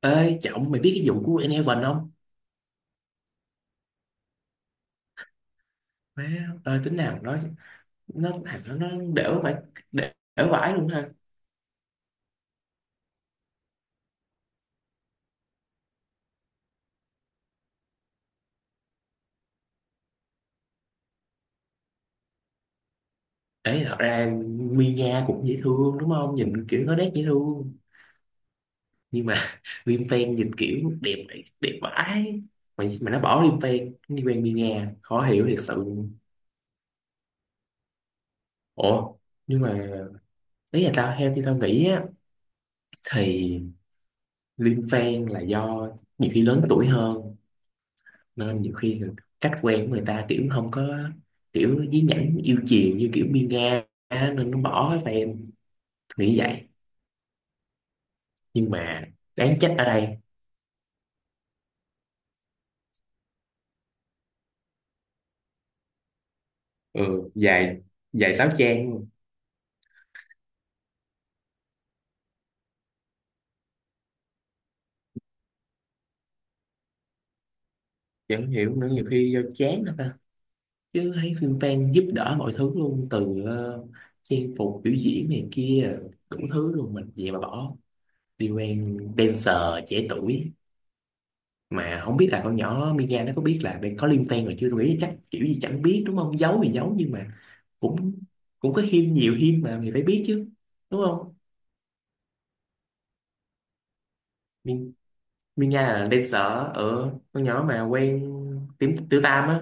Ê trọng mày biết cái vụ của Enhaven không? Má ơi tính nào nó thằng nó đểu phải đểu vãi luôn ha. Ấy thật ra, Mia cũng dễ thương đúng không? Nhìn kiểu nó đét dễ thương nhưng mà Liêm Phen nhìn kiểu đẹp, đẹp vãi. Mà nó bỏ Liêm Phen nó đi quen Mia, khó hiểu thiệt sự luôn. Ủa, nhưng mà ý là tao theo thì tao nghĩ á, thì Liêm Phen là do nhiều khi lớn tuổi hơn, nên nhiều khi cách quen của người ta kiểu không có kiểu dí nhảnh yêu chiều như kiểu Miên Nga á, nên nó bỏ hết tụi em nghĩ vậy. Nhưng mà đáng trách ở đây, ừ, dài dài sáu trang luôn. Chẳng hiểu nữa, nhiều khi do chán thôi ta, chứ thấy phim fan giúp đỡ mọi thứ luôn từ trang phục biểu diễn này kia, đủ thứ luôn, mình vậy mà bỏ đi quen dancer trẻ tuổi, mà không biết là con nhỏ Mia nó có biết là đây có liên quan rồi chưa, tôi nghĩ chắc kiểu gì chẳng biết đúng không, giấu thì giấu nhưng mà cũng cũng có hiên nhiều hiên mà mình phải biết chứ, đúng không? Mi- Mia là dancer, ở con nhỏ mà quen tím Tiểu Tam á.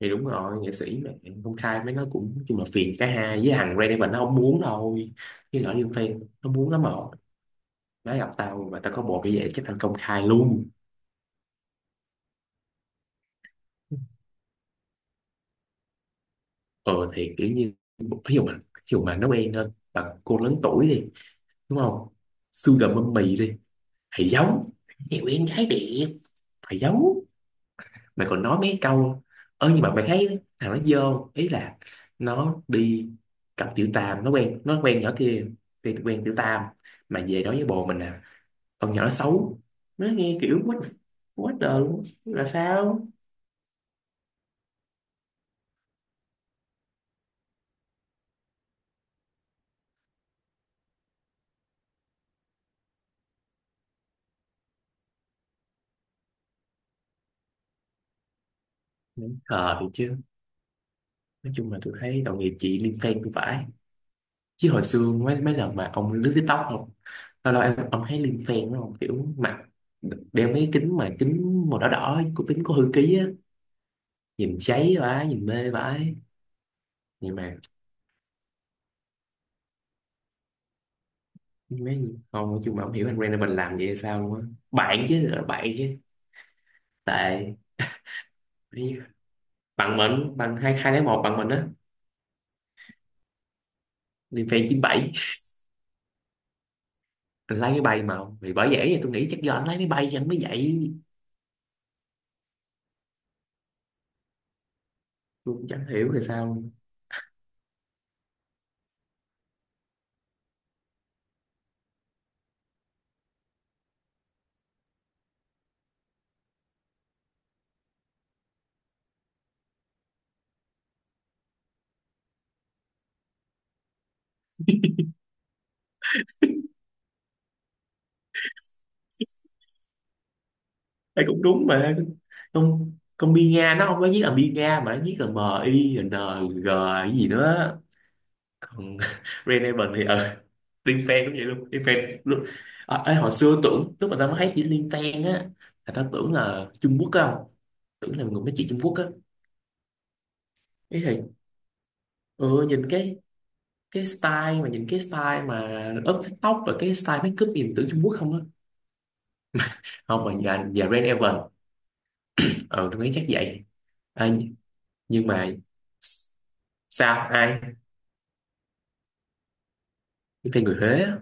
Thì đúng rồi, nghệ sĩ mà, công khai với nó cũng nhưng mà phiền cả hai, với thằng Ray Davies nó không muốn đâu, nhưng nhỏ Liên Fan nó muốn lắm mà, nó gặp tao mà tao có bộ như vậy chắc thành công khai luôn. Ờ thì kiểu như, ví dụ mà nó quen hơn bằng cô lớn tuổi đi, đúng không? Xương đậm mâm mì đi, thầy giấu, nhiều em gái đẹp, thầy giấu, mày còn nói mấy câu, ơ nhưng mà mày thấy thằng nó dơ không? Ý là nó đi cặp tiểu tam, nó quen nhỏ kia, quen quen tiểu tam mà về nói với bồ mình là con nhỏ nó xấu, nó nghe kiểu quá đời luôn, là sao? Đúng thì chứ, nói chung là tôi thấy tội nghiệp chị Liên Quan cũng phải, chứ hồi xưa mấy mấy lần mà ông lướt TikTok không, lâu lâu em ông thấy Liên Phen đúng không, kiểu mặt đeo mấy kính mà kính màu đỏ đỏ của kính có hư ký á, nhìn cháy vãi, nhìn mê vãi, nhưng mà mấy, không nói chung mà không hiểu anh Brandon mình làm vậy sao luôn á, bạn chứ, là bạn chứ, tệ bằng mình, bằng hai, hai lấy một bằng mình á. Liên Phen chín bảy anh lái máy bay, mà vì bởi vậy tôi nghĩ chắc do anh lái máy bay cho anh mới vậy, tôi cũng chẳng hiểu là sao. Đây cũng đúng mà, không con Bi Nga nó không có viết là Bi Nga mà nó viết là m i n g, cái gì nữa, còn Renevan thì Liên Fan cũng vậy luôn, Liên Fan luôn. Ê, hồi xưa tưởng lúc mà tao mới thấy chữ Liên Fan á, là tao tưởng là Trung Quốc á, không, tưởng là người nói chuyện Trung Quốc á, ý thì ừ, nhìn cái style mà up TikTok và cái style makeup nhìn tưởng Trung Quốc không á. Không, mà nhà nhà Renevan, ờ tao nghĩ chắc vậy. à, nhưng mà sao ai, cái tên người Huế á.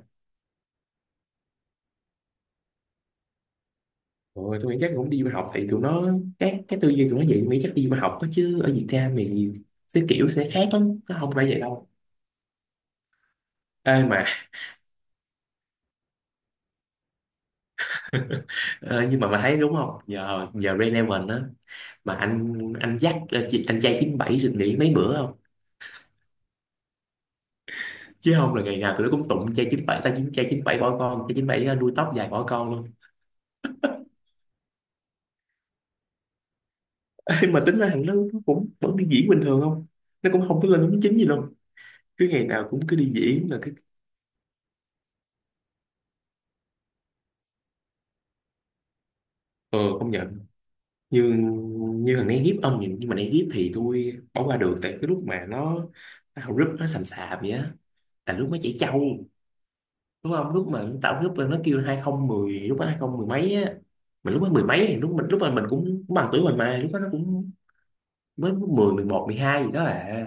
Rồi tôi nghĩ chắc cũng đi du học thì tụi nó, cái tư duy tụi nó vậy, tôi nghĩ chắc đi du học đó, chứ ở Việt Nam thì cái kiểu sẽ khác lắm, nó không phải vậy đâu. Ê mà ờ, nhưng mà thấy đúng không, nhờ nhờ Rain á, mà anh dắt anh trai 97 được nghỉ mấy bữa không, chứ không là ngày nào tụi nó cũng tụng trai chín bảy, ta chín trai chín bảy bỏ con trai chín bảy, nuôi tóc dài bỏ con luôn. Ê, mà tính ra nó cũng vẫn đi diễn bình thường không, nó cũng không có lên đến chính gì luôn, cứ ngày nào cũng cứ đi diễn là cứ, ờ không nhờ, như như thằng này hiếp ông nhìn nhưng mà này hiếp thì tôi bỏ qua được, tại cái lúc mà nó tạo group nó sầm sạp vậy á, là lúc nó chảy trâu đúng không, lúc mà nó tạo group là nó kêu hai không mười, lúc đó hai không mười mấy á, mà lúc đó mười mấy thì lúc mình lúc mà mình cũng cũng bằng tuổi mình, mà lúc đó nó cũng mới mười, mười một, mười hai gì đó à,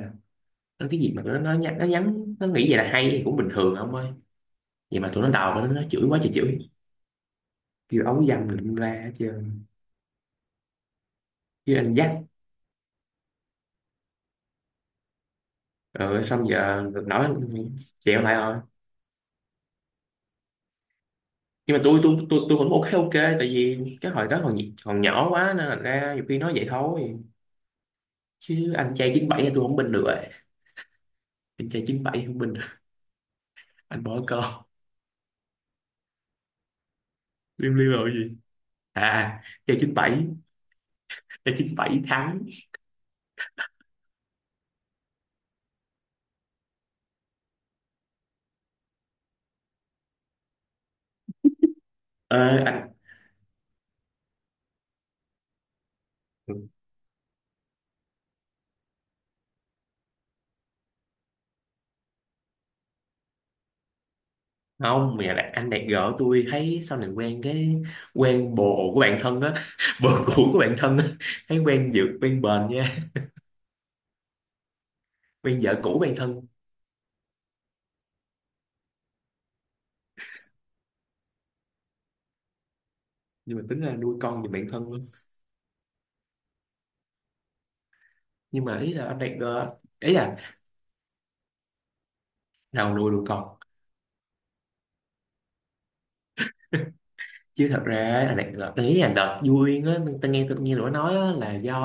nên cái gì mà nó nhắn, nó nhắn nó nghĩ vậy là hay thì cũng bình thường ông ơi, vậy mà tụi nó đào nó chửi quá trời chửi, kêu ấu dâm mình ra hết trơn. Chứ anh dắt ờ xong giờ nổi chẹo lại rồi, nhưng mà tôi cũng ok ok, tại vì cái hồi đó còn còn nhỏ quá, nên là ra nhiều khi nói vậy thôi, chứ anh trai 97 thì tôi không binh được rồi, anh trai chín bảy không binh được. Anh bỏ con, liêu liêu rồi gì, à trai 97 trai chín bảy thắng, ờ anh không mẹ là anh đẹp gỡ, tôi thấy sau này quen bồ của bạn thân á bồ cũ của bạn thân á, thấy quen dược quen bền nha, quen vợ cũ bạn thân, nhưng mà tính là nuôi con giùm bạn thân luôn, nhưng mà ý là anh đẹp gỡ, ý là nào nuôi được con chứ. Thật ra á, là đợt đấy là đợt vui á, tôi nghe tụi nó nói á, là do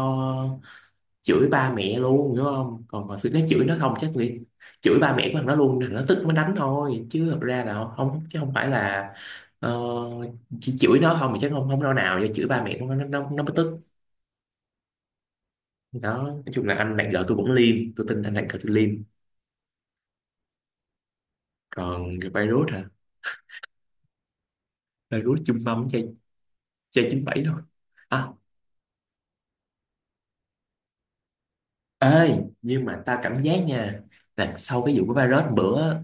chửi ba mẹ luôn hiểu không, còn hồi xưa nó chửi nó không chắc nghĩ chửi ba mẹ của thằng nó luôn, thằng nó tức mới đánh thôi, chứ thật ra là không, chứ không phải là ờ, chỉ chửi nó không thì chắc không không đâu, nào do chửi ba mẹ của nó mới tức. Đó, nói chung là anh bạn vợ tôi cũng liêm, tôi tin anh bạn vợ tôi liêm, còn cái virus hả, virus chung mâm chơi, chín bảy thôi, à ê, nhưng mà ta cảm giác nha, là sau cái vụ của virus bữa,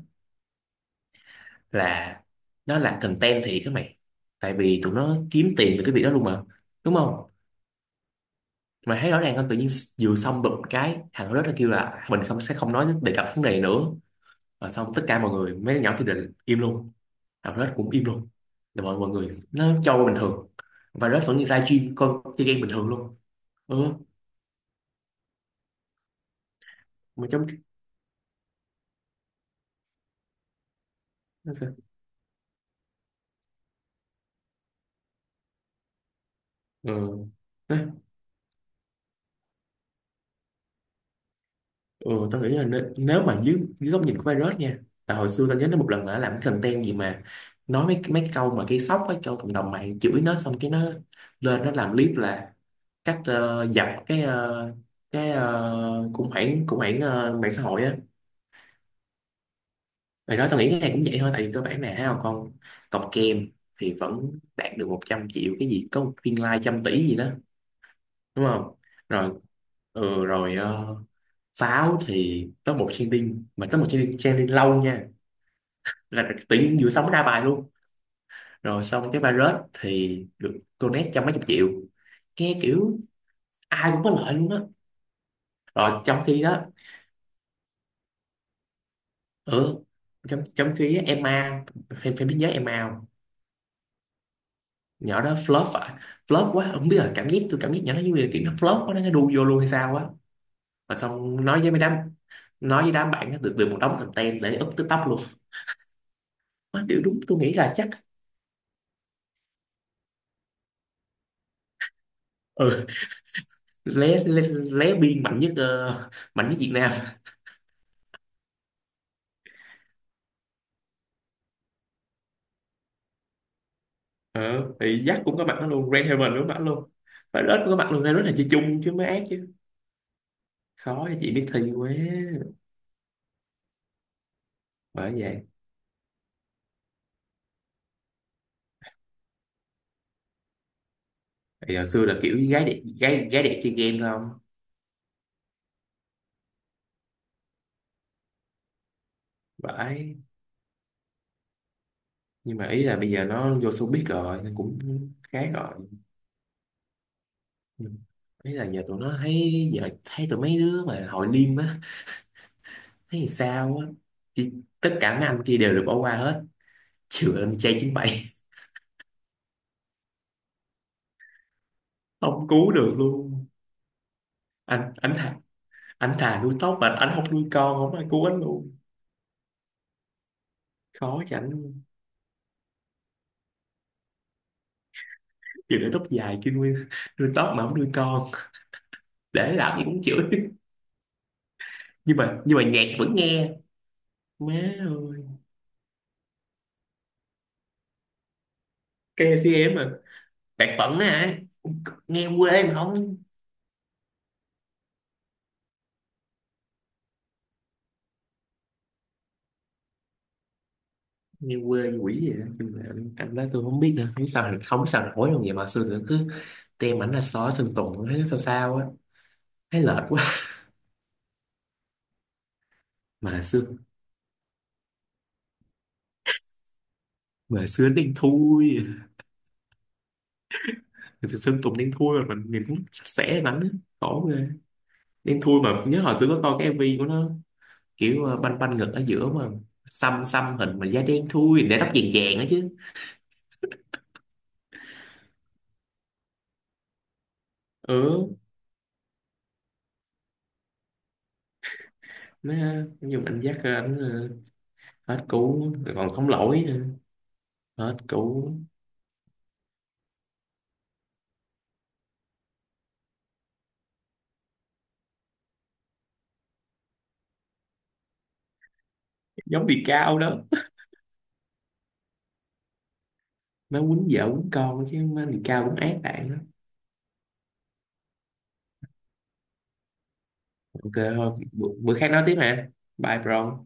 là nó là content thiệt các mày, tại vì tụi nó kiếm tiền từ cái việc đó luôn mà, đúng không? Mày thấy rõ ràng không, tự nhiên vừa xong bụp cái thằng đó nó kêu là mình không, sẽ không nói đề cập vấn đề này nữa, và xong tất cả mọi người mấy đứa nhỏ thì định im luôn, thằng Red cũng im luôn, là mọi mọi người nó cho qua bình thường, và Red vẫn ra gym con chơi game bình thường luôn, ừ, mà trong nó sao, ừ. Ừ, tao nghĩ là nếu mà dưới góc nhìn của virus nha, tại hồi xưa tao nhớ nó một lần là nó làm cái content gì mà nói mấy mấy cái câu mà gây sốc á cho cộng đồng mạng chửi nó, xong cái nó lên nó làm clip là cách dập cái khủng hoảng mạng xã hội á. Rồi đó tao nghĩ cái này cũng vậy thôi, tại vì cơ bản nè, thấy không, con cọc kem thì vẫn đạt được 100 triệu cái gì, có một viên like trăm tỷ gì đó, đúng không, rồi ừ, rồi pháo thì top một trending, trending lâu nha, là tự nhiên vừa sống ra bài luôn, rồi xong cái virus thì được donate trăm mấy chục triệu, nghe kiểu ai cũng có lợi luôn á, rồi trong khi đó, ừ, trong trong khi á, Emma fan fan biết nhớ Emma không? Nhỏ đó flop à, flop quá không biết là cảm giác tôi, cảm giác nhỏ nó như là kiểu nó flop quá nó đu vô luôn hay sao á, và xong nói với mấy đám, nói với đám bạn nó được được một đống content để up TikTok luôn. Má, điều đúng tôi nghĩ là chắc, ừ, lé lé, lé biên mạnh nhất, mạnh nhất Việt Nam, ờ thì Jack cũng có mặt nó luôn, Grand Haven cũng có mặt luôn, Violet cũng có mặt luôn, Violet là chị chung chứ mới ác chứ, khó cho chị biết thi quá, bởi vậy, thì hồi xưa là kiểu gái đẹp, gái gái đẹp chơi game thôi không phải, nhưng mà ý là bây giờ nó vô showbiz rồi nên cũng khá rồi. Nhưng ý là giờ tụi nó thấy, giờ thấy tụi mấy đứa mà hội liêm á, thấy thì sao á, thì tất cả mấy anh kia đều được bỏ qua hết, trừ anh trai 97 không cứu được luôn, anh thà, anh thà nuôi tóc mà anh không nuôi con, không ai cứu anh luôn, khó chẳng, vừa để tóc dài kia nuôi nuôi tóc mà không nuôi con để làm gì cũng chửi, nhưng mà nhạc vẫn nghe, má ơi. KCM à, bạc phận á hả, nghe quê mà không, nghe quê như quỷ vậy đó, nhưng mà anh đó tôi không biết nữa, không biết sao nổi luôn vậy, mà xưa tôi cứ đem ảnh ra xó Sơn Tùng thấy nó sao sao á, thấy lệch quá, mà xưa mà xưa đen thui, thì Sơn Tùng đen thui mà mình nhìn cũng sạch sẽ lắm á, khổ ghê, đen thui mà nhớ hồi xưa có coi cái MV của nó kiểu banh banh ngực ở giữa mà xăm xăm hình mà da đen thui để tóc vàng vàng á chứ, ừ nó dùng anh dắt ra anh, hết cũ rồi còn sống lỗi nữa, hết cũ, giống bị cao đó, nó quýnh vợ quýnh con chứ nó bị cao cũng ác bạn đó, ok thôi bữa khác nói tiếp nè, bye bro.